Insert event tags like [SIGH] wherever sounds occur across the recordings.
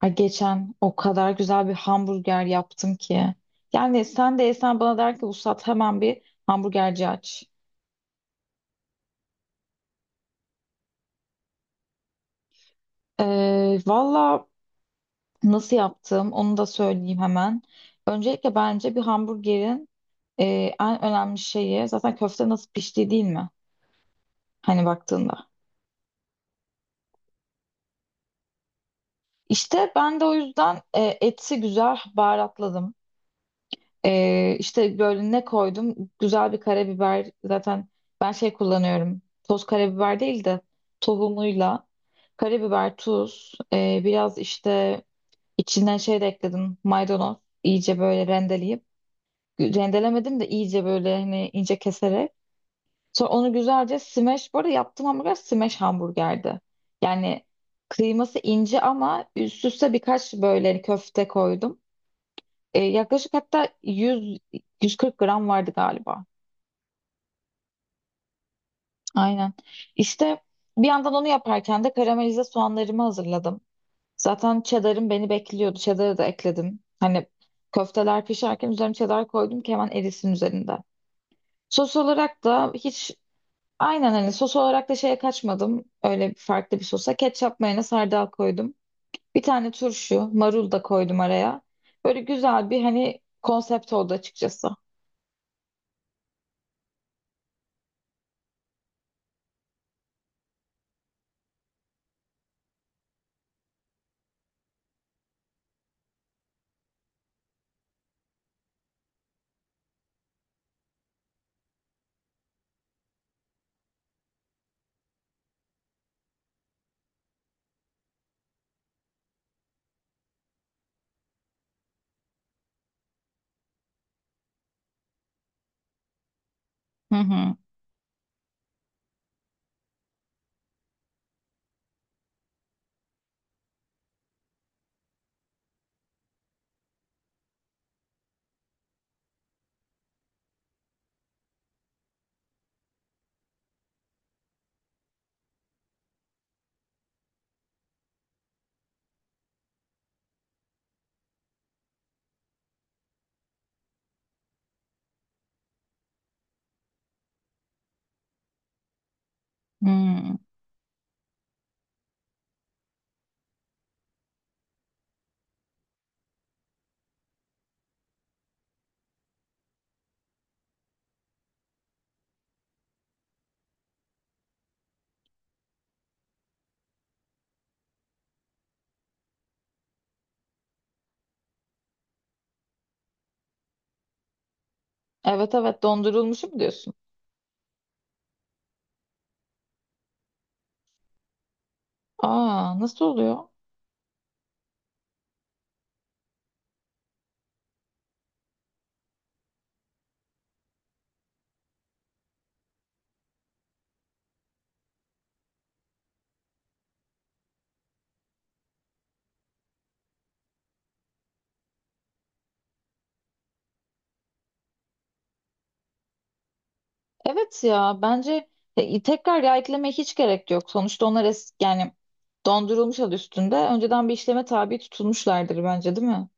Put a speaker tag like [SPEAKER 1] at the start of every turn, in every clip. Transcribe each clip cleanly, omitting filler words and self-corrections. [SPEAKER 1] Ay geçen o kadar güzel bir hamburger yaptım ki. Yani sen de yesen bana der ki Vuslat hemen bir hamburgerci aç. Valla nasıl yaptım onu da söyleyeyim hemen. Öncelikle bence bir hamburgerin e, en önemli şeyi zaten köfte nasıl piştiği değil mi? Hani baktığında. İşte ben de o yüzden eti güzel baharatladım. İşte böyle ne koydum? Güzel bir karabiber. Zaten ben şey kullanıyorum. Toz karabiber değil de tohumuyla. Karabiber, tuz, biraz işte içinden şey de ekledim. Maydanoz. İyice böyle rendeleyip. Rendelemedim de iyice böyle hani ince keserek. Sonra onu güzelce smash. Bu arada yaptığım hamburger smash hamburgerdi. Yani kıyması ince ama üst üste birkaç böyle hani köfte koydum. Yaklaşık hatta 100 140 gram vardı galiba. Aynen. İşte bir yandan onu yaparken de karamelize soğanlarımı hazırladım. Zaten cheddar'ım beni bekliyordu. Cheddar'ı da ekledim. Hani köfteler pişerken üzerine cheddar koydum ki hemen erisin üzerinde. Sos olarak da hiç aynen hani sos olarak da şeye kaçmadım. Öyle farklı bir sosa ketçap mayonez hardal koydum. Bir tane turşu, marul da koydum araya. Böyle güzel bir hani konsept oldu açıkçası. Hı hı. Hmm. Evet evet, dondurulmuşu mu diyorsun? Aa, nasıl oluyor? Evet ya, bence tekrar yağ eklemeye hiç gerek yok. Sonuçta onlar es yani dondurulmuş adı üstünde. Önceden bir işleme tabi tutulmuşlardır bence değil mi?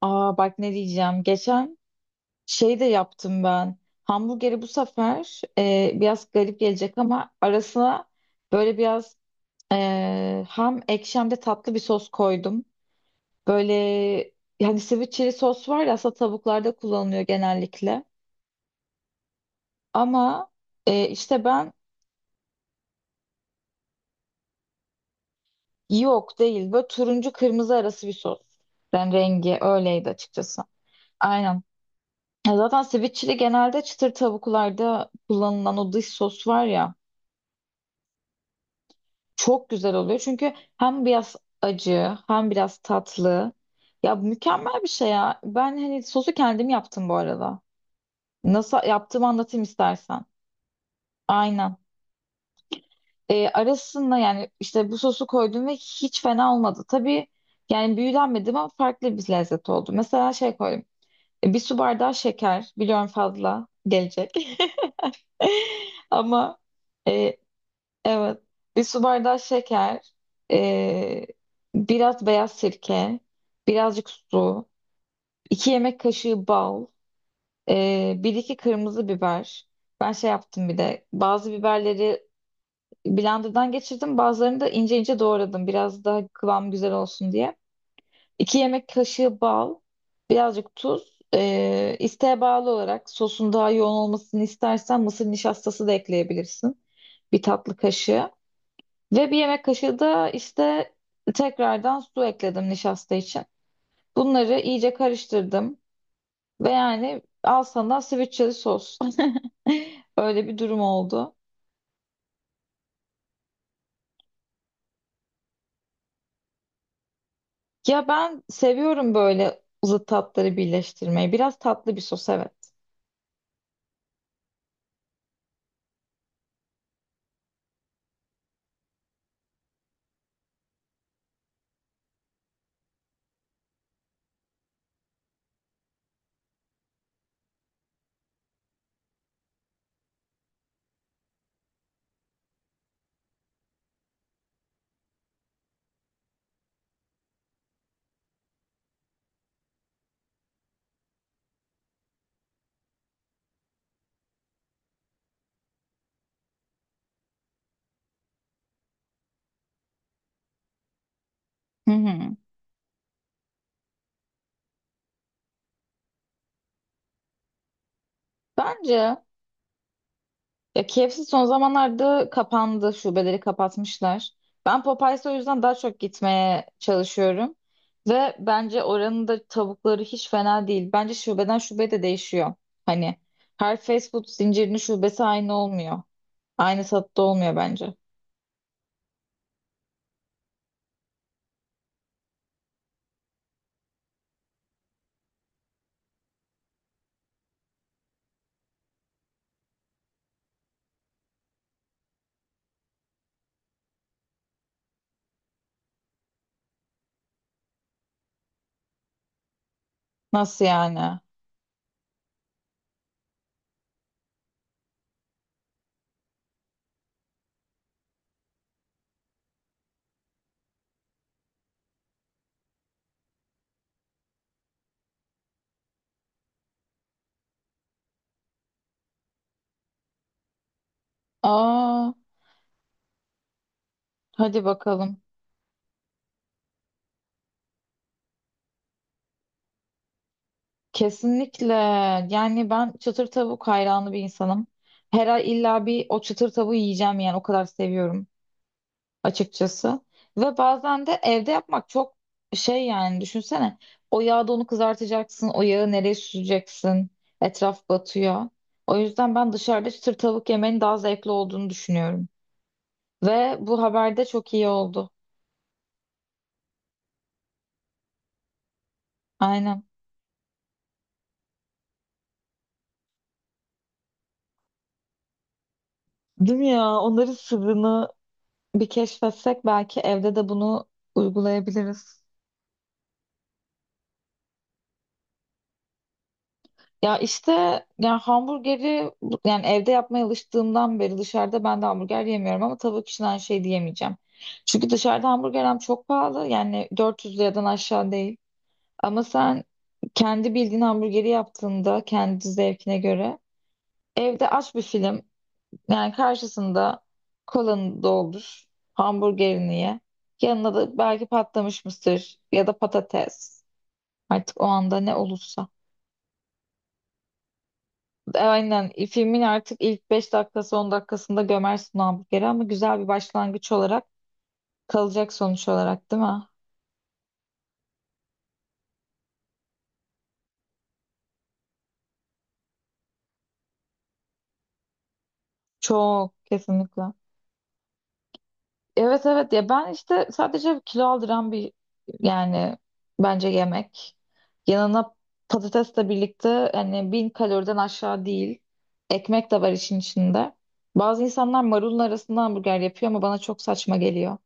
[SPEAKER 1] Aa bak ne diyeceğim. Geçen şey de yaptım ben. Hamburgeri bu sefer biraz garip gelecek ama arasına böyle biraz hem ekşi hem de tatlı bir sos koydum. Böyle yani sweet chili sos var ya, aslında tavuklarda kullanılıyor genellikle. Ama işte ben yok değil. Böyle turuncu kırmızı arası bir sos. Ben rengi öyleydi açıkçası. Aynen. Ya zaten sweet chili genelde çıtır tavuklarda kullanılan o dış sos var ya. Çok güzel oluyor çünkü hem biraz acı hem biraz tatlı. Ya mükemmel bir şey ya. Ben hani sosu kendim yaptım bu arada. Nasıl yaptığımı anlatayım istersen. Aynen. Arasında yani işte bu sosu koydum ve hiç fena olmadı. Tabii yani büyülenmedim ama farklı bir lezzet oldu. Mesela şey koydum. Bir su bardağı şeker. Biliyorum fazla gelecek. [LAUGHS] Ama e, Evet. Bir su bardağı şeker, e, biraz beyaz sirke, birazcık su, 2 yemek kaşığı bal, bir iki kırmızı biber. Ben şey yaptım, bir de bazı biberleri blenderdan geçirdim, bazılarını da ince ince doğradım biraz daha kıvam güzel olsun diye. 2 yemek kaşığı bal, birazcık tuz, isteğe bağlı olarak sosun daha yoğun olmasını istersen mısır nişastası da ekleyebilirsin. Bir tatlı kaşığı. Ve bir yemek kaşığı da işte tekrardan su ekledim nişasta için. Bunları iyice karıştırdım ve yani al sana sweet sos. [LAUGHS] Öyle bir durum oldu. Ya ben seviyorum böyle zıt tatları birleştirmeyi. Biraz tatlı bir sos, evet. Hı hı. Bence Ya KFC son zamanlarda kapandı. Şubeleri kapatmışlar. Ben Popeyes'e o yüzden daha çok gitmeye çalışıyorum. Ve bence oranın da tavukları hiç fena değil. Bence şubeden şubeye de değişiyor. Hani her fast food zincirinin şubesi aynı olmuyor. Aynı tatta olmuyor bence. Nasıl yani? Aa, hadi bakalım. Kesinlikle. Yani ben çıtır tavuk hayranı bir insanım. Her ay illa bir o çıtır tavuğu yiyeceğim, yani o kadar seviyorum açıkçası. Ve bazen de evde yapmak çok şey yani, düşünsene. O yağda onu kızartacaksın. O yağı nereye süreceksin? Etraf batıyor. O yüzden ben dışarıda çıtır tavuk yemenin daha zevkli olduğunu düşünüyorum. Ve bu haberde çok iyi oldu. Aynen. Değil mi ya? Onların sırrını bir keşfetsek belki evde de bunu uygulayabiliriz. Ya işte yani hamburgeri yani evde yapmaya alıştığımdan beri dışarıda ben de hamburger yemiyorum ama tavuk için aynı şey diyemeyeceğim. Çünkü dışarıda hamburger hem çok pahalı, yani 400 liradan aşağı değil. Ama sen kendi bildiğin hamburgeri yaptığında kendi zevkine göre evde aç bir film, yani karşısında kolanı doldur, hamburgerini ye. Yanına da belki patlamış mısır ya da patates, artık o anda ne olursa. Aynen. Filmin artık ilk 5 dakikası 10 dakikasında gömersin o hamburgeri ama güzel bir başlangıç olarak kalacak, sonuç olarak değil mi? Çok kesinlikle. Evet evet ya, ben işte sadece kilo aldıran bir yani bence yemek. Yanına patatesle birlikte hani 1.000 kaloriden aşağı değil. Ekmek de var işin içinde. Bazı insanlar marulun arasında hamburger yapıyor ama bana çok saçma geliyor.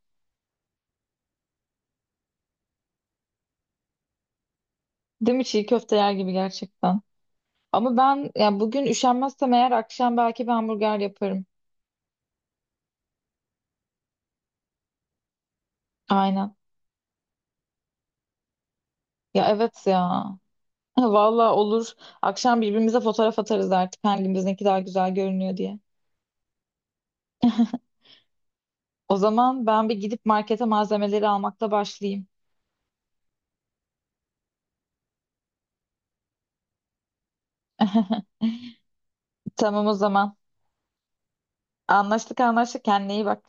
[SPEAKER 1] Değil mi? Çiğ köfte yer gibi gerçekten. Ama ben ya bugün üşenmezsem eğer akşam belki bir hamburger yaparım. Aynen. Ya evet ya. [LAUGHS] Valla olur. Akşam birbirimize fotoğraf atarız artık hangimizinki daha güzel görünüyor diye. O zaman ben bir gidip markete malzemeleri almakla başlayayım. [LAUGHS] Tamam o zaman. Anlaştık anlaştık. Kendine iyi bak.